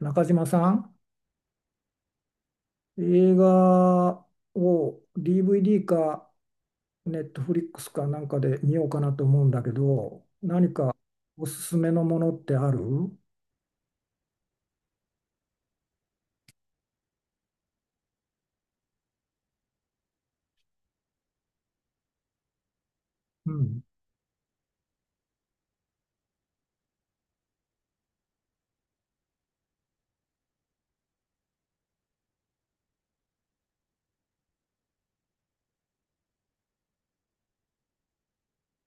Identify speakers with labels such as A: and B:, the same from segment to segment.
A: 中島さん、映画を DVD かネットフリックスかなんかで見ようかなと思うんだけど、何かおすすめのものってある？うん。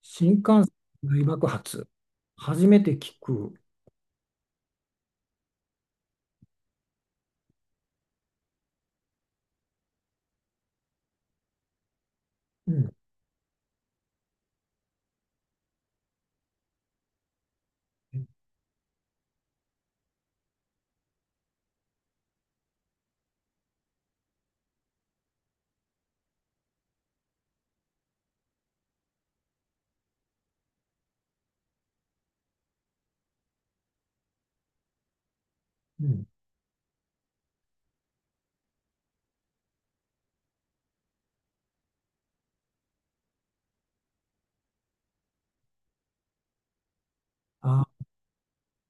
A: 新幹線大爆発。初めて聞く。うん。うん。あ、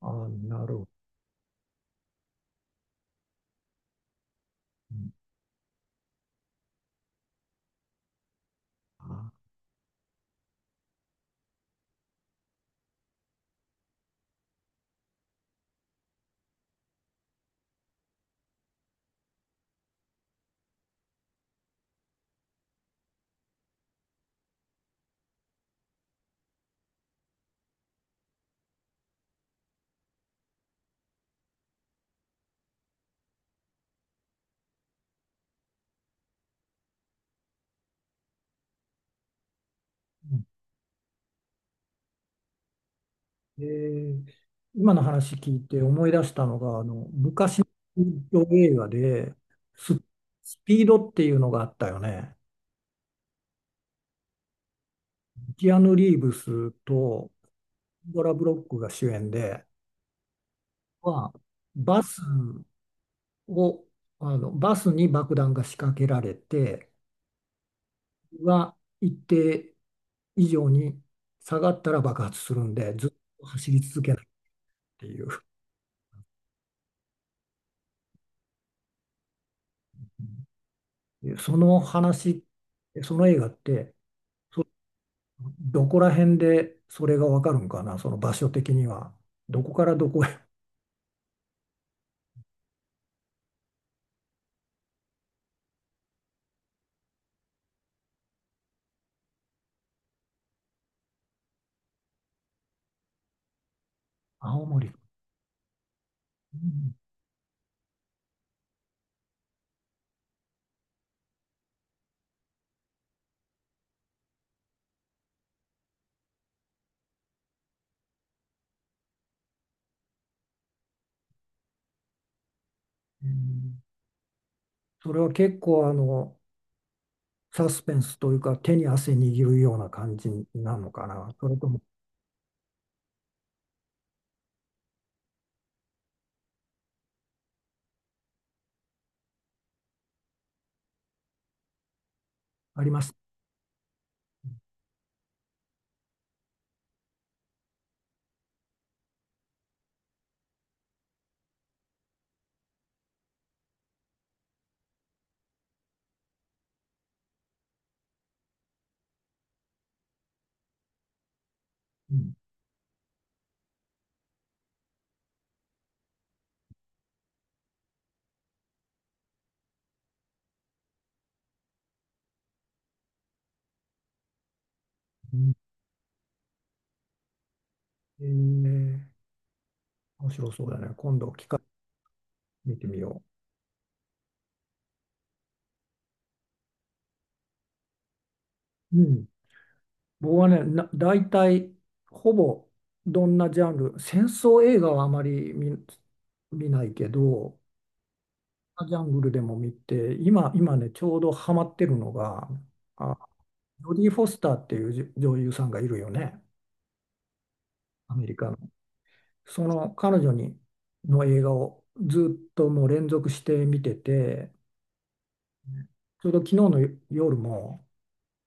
A: あ、なるほど。うん、あ、うん。えー今の話聞いて思い出したのが、昔の映画でス、スピードっていうのがあったよね。キアヌ・リーブスとドラ・ブロックが主演で、はバスをあのバスに爆弾が仕掛けられて、は一定以上に下がったら爆発するんで、ずっと走り続けないっていう。その話その映画ってどこら辺でそれがわかるんかな、その場所的には。どこからどこへ。青森。うん、うん、それは結構サスペンスというか、手に汗握るような感じなのかな。それとも、あります。うん。うん、えー面白そうだね。今度、機会見てみよう。うん。僕はね、大体、ほぼ、どんなジャンル、戦争映画はあまり見ないけど、ジャングルでも見て、今ね、ちょうどハマってるのが、あ、ジョディ・フォスターっていう女優さんがいるよね、アメリカの。その彼女にの映画をずっともう連続して見てて、ちょうど昨日の夜も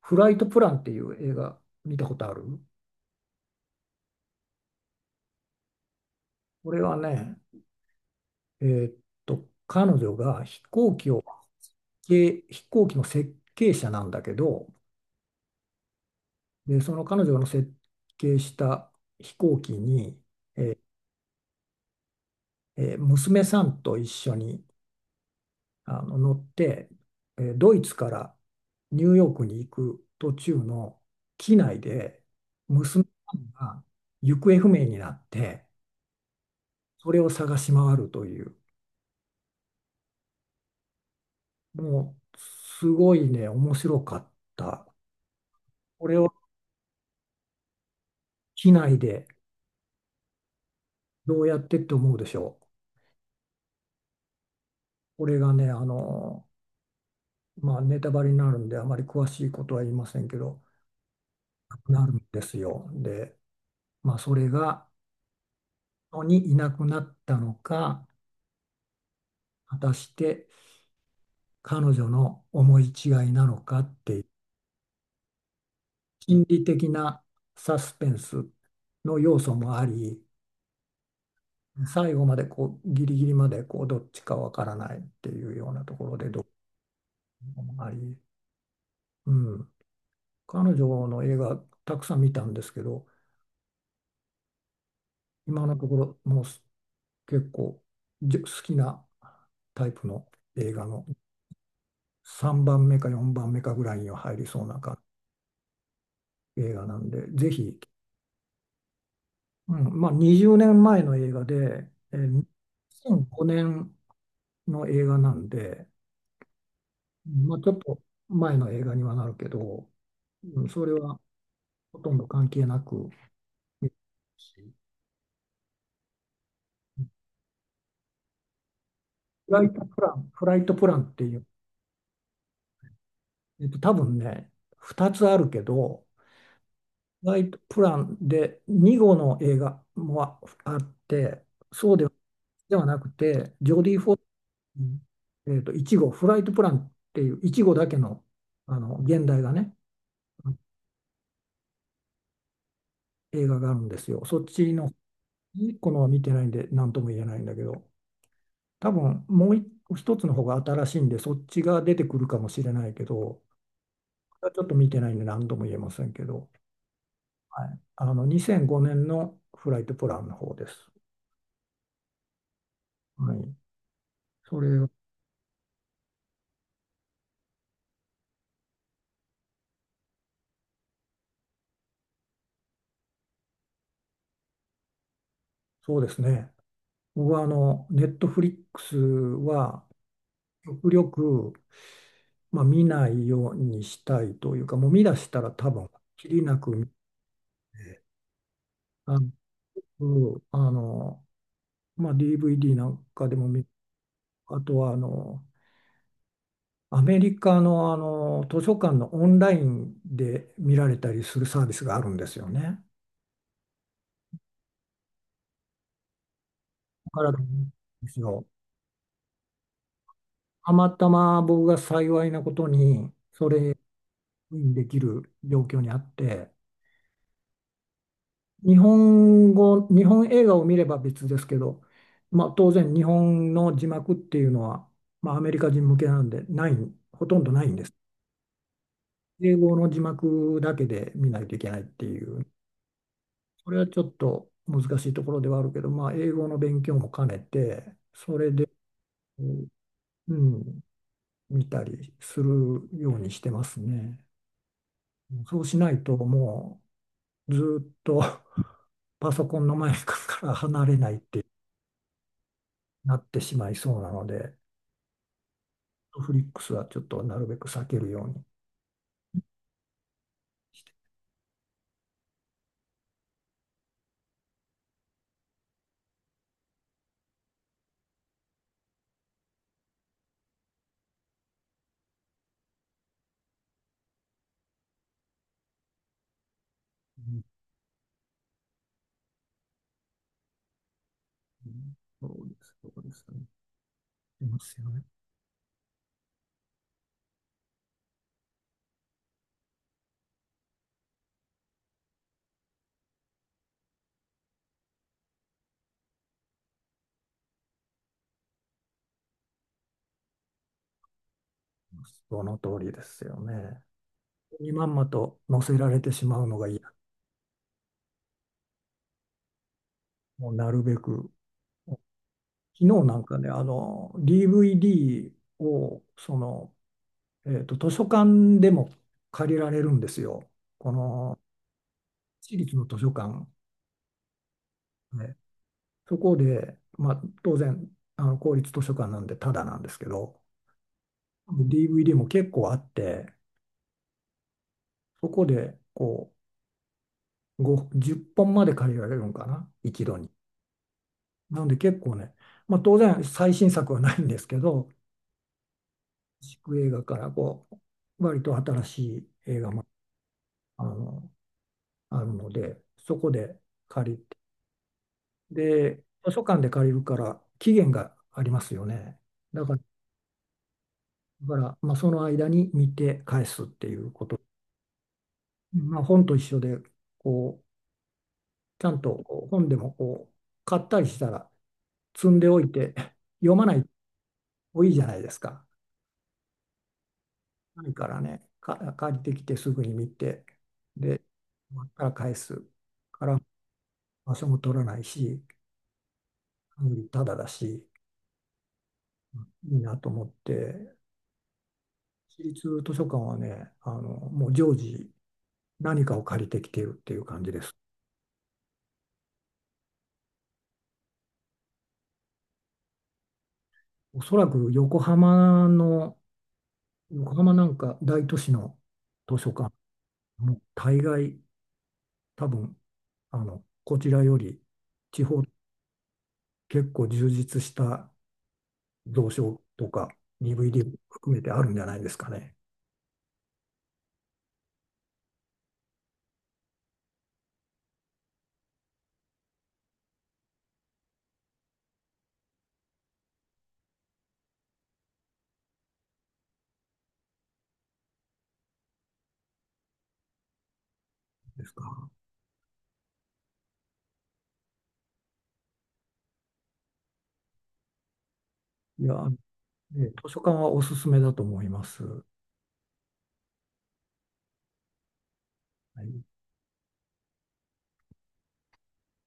A: 「フライトプラン」っていう映画見たことある？これはね、えーっ彼女が飛行機の設計者なんだけど、で、その彼女の設計した飛行機に、娘さんと一緒に乗って、ドイツからニューヨークに行く途中の機内で娘さんが行方不明になって、それを探し回るという、もうすごいね、面白かった。これを機内でどうやってって思うでしょう？これがね、まあ、ネタバレになるんであまり詳しいことは言いませんけど、なくなるんですよ。で、まあ、それが、にいなくなったのか、果たして彼女の思い違いなのかっていう心理的なサスペンスの要素もあり、最後までこうギリギリまでこうどっちかわからないっていうようなところで、どうもあり、うん、彼女の映画たくさん見たんですけど、今のところもう結構好きなタイプの映画の3番目か4番目かぐらいには入りそうな映画なんで、ぜひ。うん、まあ20年前の映画で、えうんー、2005年の映画なんで、まあ、ちょっと前の映画にはなるけど、うん、それはほとんど関係なく、え。フライトプラン、フライトプランっていう、多分ね、2つあるけど、フライトプランで2号の映画もあって、そうではなくて、ジョディ・フォうん1号、フライトプランっていう、1号だけの、あの現代がね、映画があるんですよ。そっちのいっこのは見てないんで、なんとも言えないんだけど、多分もう一つの方が新しいんで、そっちが出てくるかもしれないけど、ちょっと見てないんで、何とも言えませんけど、はい、あの2005年のフライトプランの方です。はい、それ、そうですね。僕はネットフリックスは、極力、まあ、見ないようにしたいというか、もう見出したら多分、きりなく見て、あの、あのまあ、DVD なんかでもあとはアメリカの、あの図書館のオンラインで見られたりするサービスがあるんですよね。だからなんですよ。たまたま僕が幸いなことにできる状況にあって、日本語、日本映画を見れば別ですけど、まあ、当然日本の字幕っていうのは、まあ、アメリカ人向けなんでない、ほとんどないんです。英語の字幕だけで見ないといけないっていう、それはちょっと難しいところではあるけど、まあ、英語の勉強も兼ねて、それで、うん、見たりするようにしてますね。そうしないと、もうずーっと パソコンの前から離れないってなってしまいそうなので。トフリックスはちょっとなるべく避けるようにして。うん、うん、そうです、そうですね。いますよね。その通りですよね。にまんまと載せられてしまうのが嫌。もうなるべく。昨日なんかね、DVD を、図書館でも借りられるんですよ、この、私立の図書館。ね、そこで、まあ、当然、公立図書館なんでタダなんですけど、DVD も結構あって、そこで、こう、5、10本まで借りられるのかな、一度に。なので結構ね、まあ当然最新作はないんですけど、地映画からこう、割と新しい映画もあの、あるので、そこで借りて、で、図書館で借りるから期限がありますよね。だから、だから、まあその間に見て返すっていうこと。まあ本と一緒で、こう、ちゃんとこう本でもこう、買ったりしたら積んでおいて、読まない多いじゃないですか。ないからね、借りてきてすぐに見て、で、終わったら返すから、場所も取らないし、管理タダだし、いいなと思って、私立図書館はね、もう常時何かを借りてきているっていう感じです。おそらく横浜の、横浜なんか大都市の図書館、もう大概多分、こちらより地方結構充実した蔵書とか DVD 含めてあるんじゃないですかね。ですか。いや、ね、図書館はおすすめだと思います。はい。